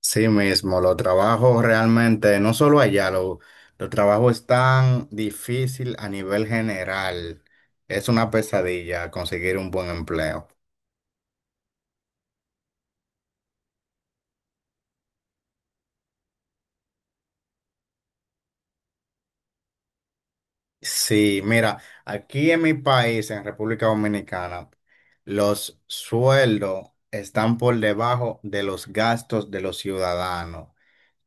Sí mismo, los trabajos realmente, no solo allá, los trabajos están difícil a nivel general. Es una pesadilla conseguir un buen empleo. Sí, mira, aquí en mi país, en República Dominicana, los sueldos están por debajo de los gastos de los ciudadanos.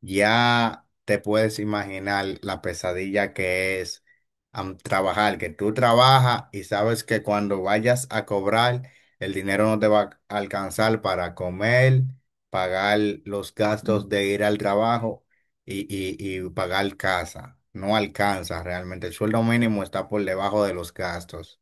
Ya te puedes imaginar la pesadilla que es trabajar, que tú trabajas y sabes que cuando vayas a cobrar, el dinero no te va a alcanzar para comer, pagar los gastos de ir al trabajo y pagar casa. No alcanza realmente. El sueldo mínimo está por debajo de los gastos.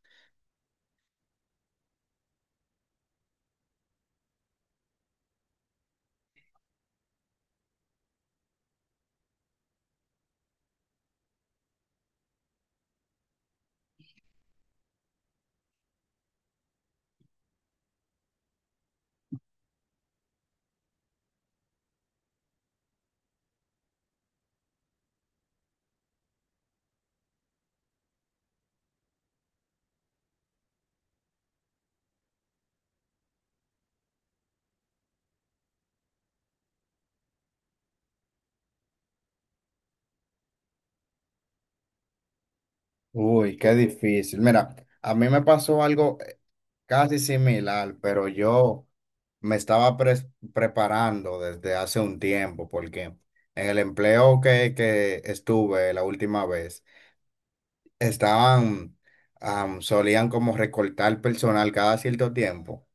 Uy, qué difícil. Mira, a mí me pasó algo casi similar, pero yo me estaba preparando desde hace un tiempo porque en el empleo que estuve la última vez, estaban, solían como recortar personal cada cierto tiempo.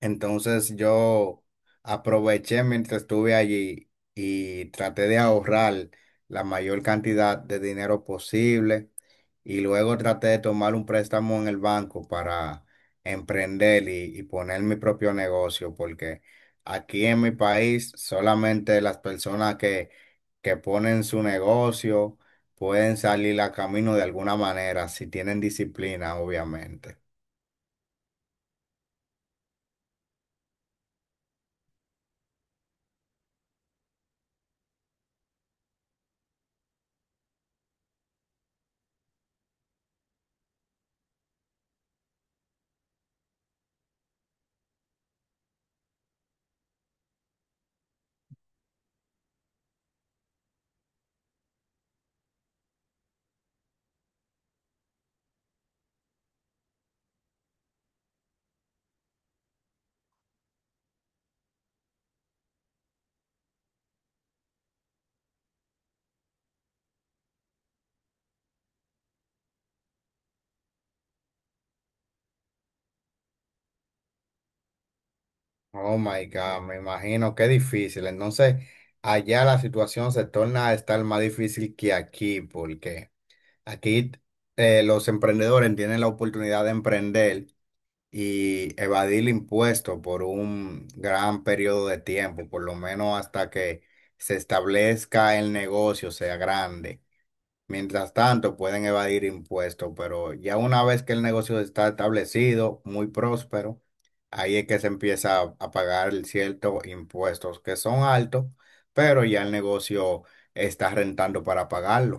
Entonces yo aproveché mientras estuve allí y traté de ahorrar la mayor cantidad de dinero posible y luego traté de tomar un préstamo en el banco para emprender y poner mi propio negocio porque aquí en mi país solamente las personas que ponen su negocio pueden salir a camino de alguna manera si tienen disciplina, obviamente. Oh my God, me imagino qué difícil. Entonces, allá la situación se torna a estar más difícil que aquí, porque aquí los emprendedores tienen la oportunidad de emprender y evadir el impuesto por un gran periodo de tiempo, por lo menos hasta que se establezca el negocio, sea grande. Mientras tanto, pueden evadir impuestos, pero ya una vez que el negocio está establecido, muy próspero, ahí es que se empieza a pagar ciertos impuestos que son altos, pero ya el negocio está rentando para pagarlo.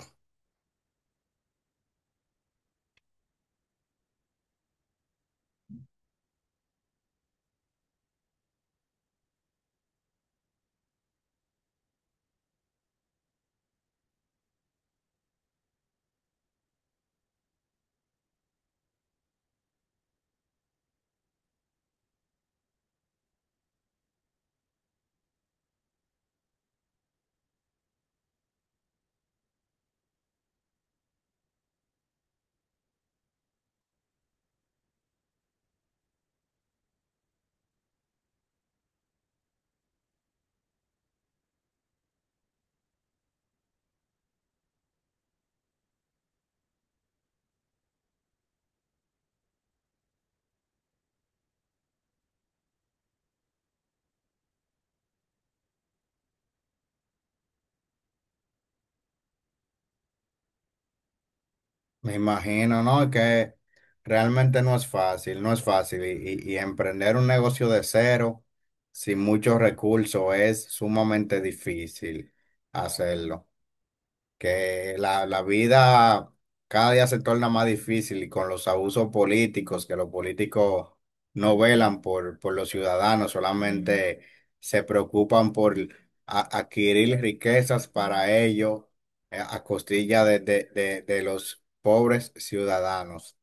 Me imagino, ¿no? Que realmente no es fácil, no es fácil. Y, y emprender un negocio de cero, sin muchos recursos, es sumamente difícil hacerlo. Que la vida cada día se torna más difícil y con los abusos políticos, que los políticos no velan por los ciudadanos, solamente se preocupan por adquirir riquezas para ellos, a costilla de los pobres ciudadanos.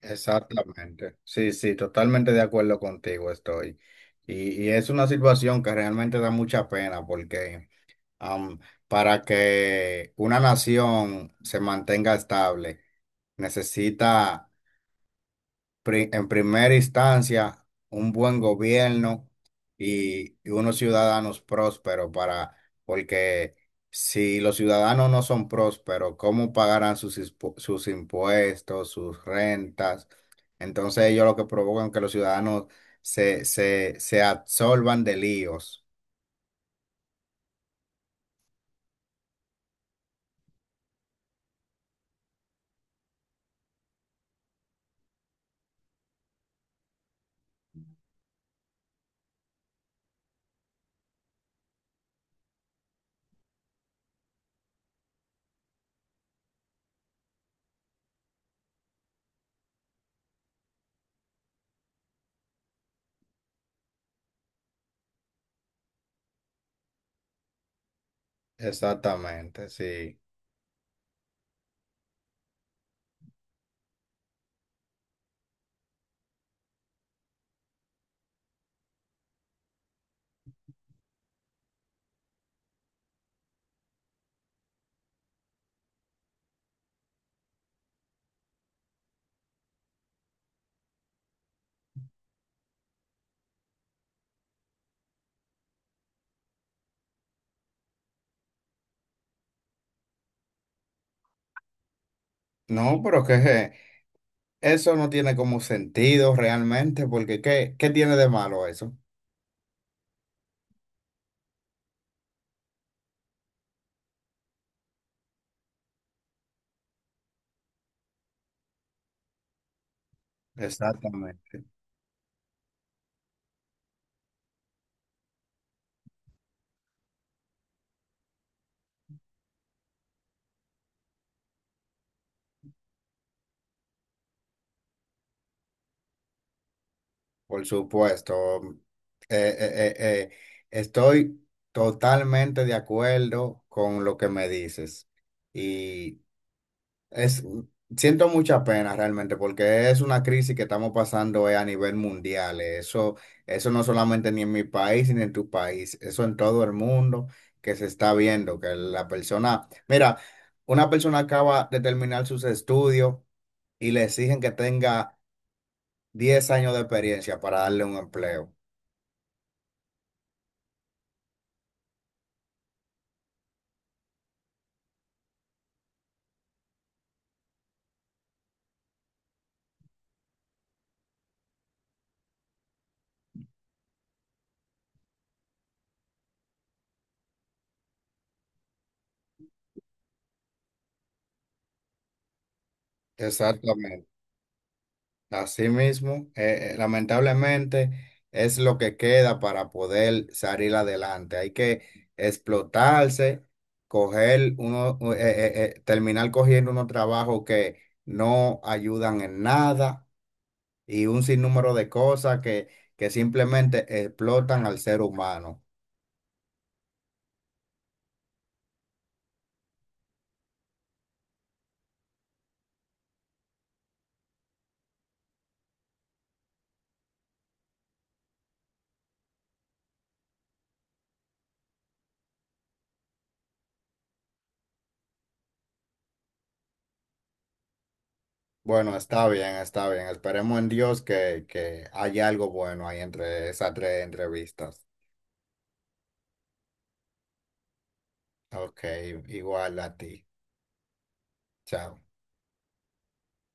Exactamente. Sí, sí, totalmente de acuerdo contigo estoy. Y es una situación que realmente da mucha pena porque Am, para que una nación se mantenga estable, necesita en primera instancia un buen gobierno y unos ciudadanos prósperos, para, porque si los ciudadanos no son prósperos, ¿cómo pagarán sus impuestos, sus rentas? Entonces ellos lo que provocan que los ciudadanos se absorban de líos. Exactamente, sí. No, pero que eso no tiene como sentido realmente, porque qué tiene de malo eso? Exactamente. Por supuesto. Eh, eh, eh, eh, Estoy totalmente de acuerdo con lo que me dices. Y es, siento mucha pena realmente porque es una crisis que estamos pasando, a nivel mundial. Eso, eso no solamente ni en mi país ni en tu país, eso en todo el mundo que se está viendo, que la persona, mira, una persona acaba de terminar sus estudios y le exigen que tenga 10 años de experiencia para darle un empleo. Exactamente. Así mismo, lamentablemente es lo que queda para poder salir adelante. Hay que explotarse, coger uno, terminar cogiendo unos trabajos que no ayudan en nada y un sinnúmero de cosas que simplemente explotan al ser humano. Bueno, está bien, está bien. Esperemos en Dios que haya algo bueno ahí entre esas tres entrevistas. Ok, igual a ti. Chao.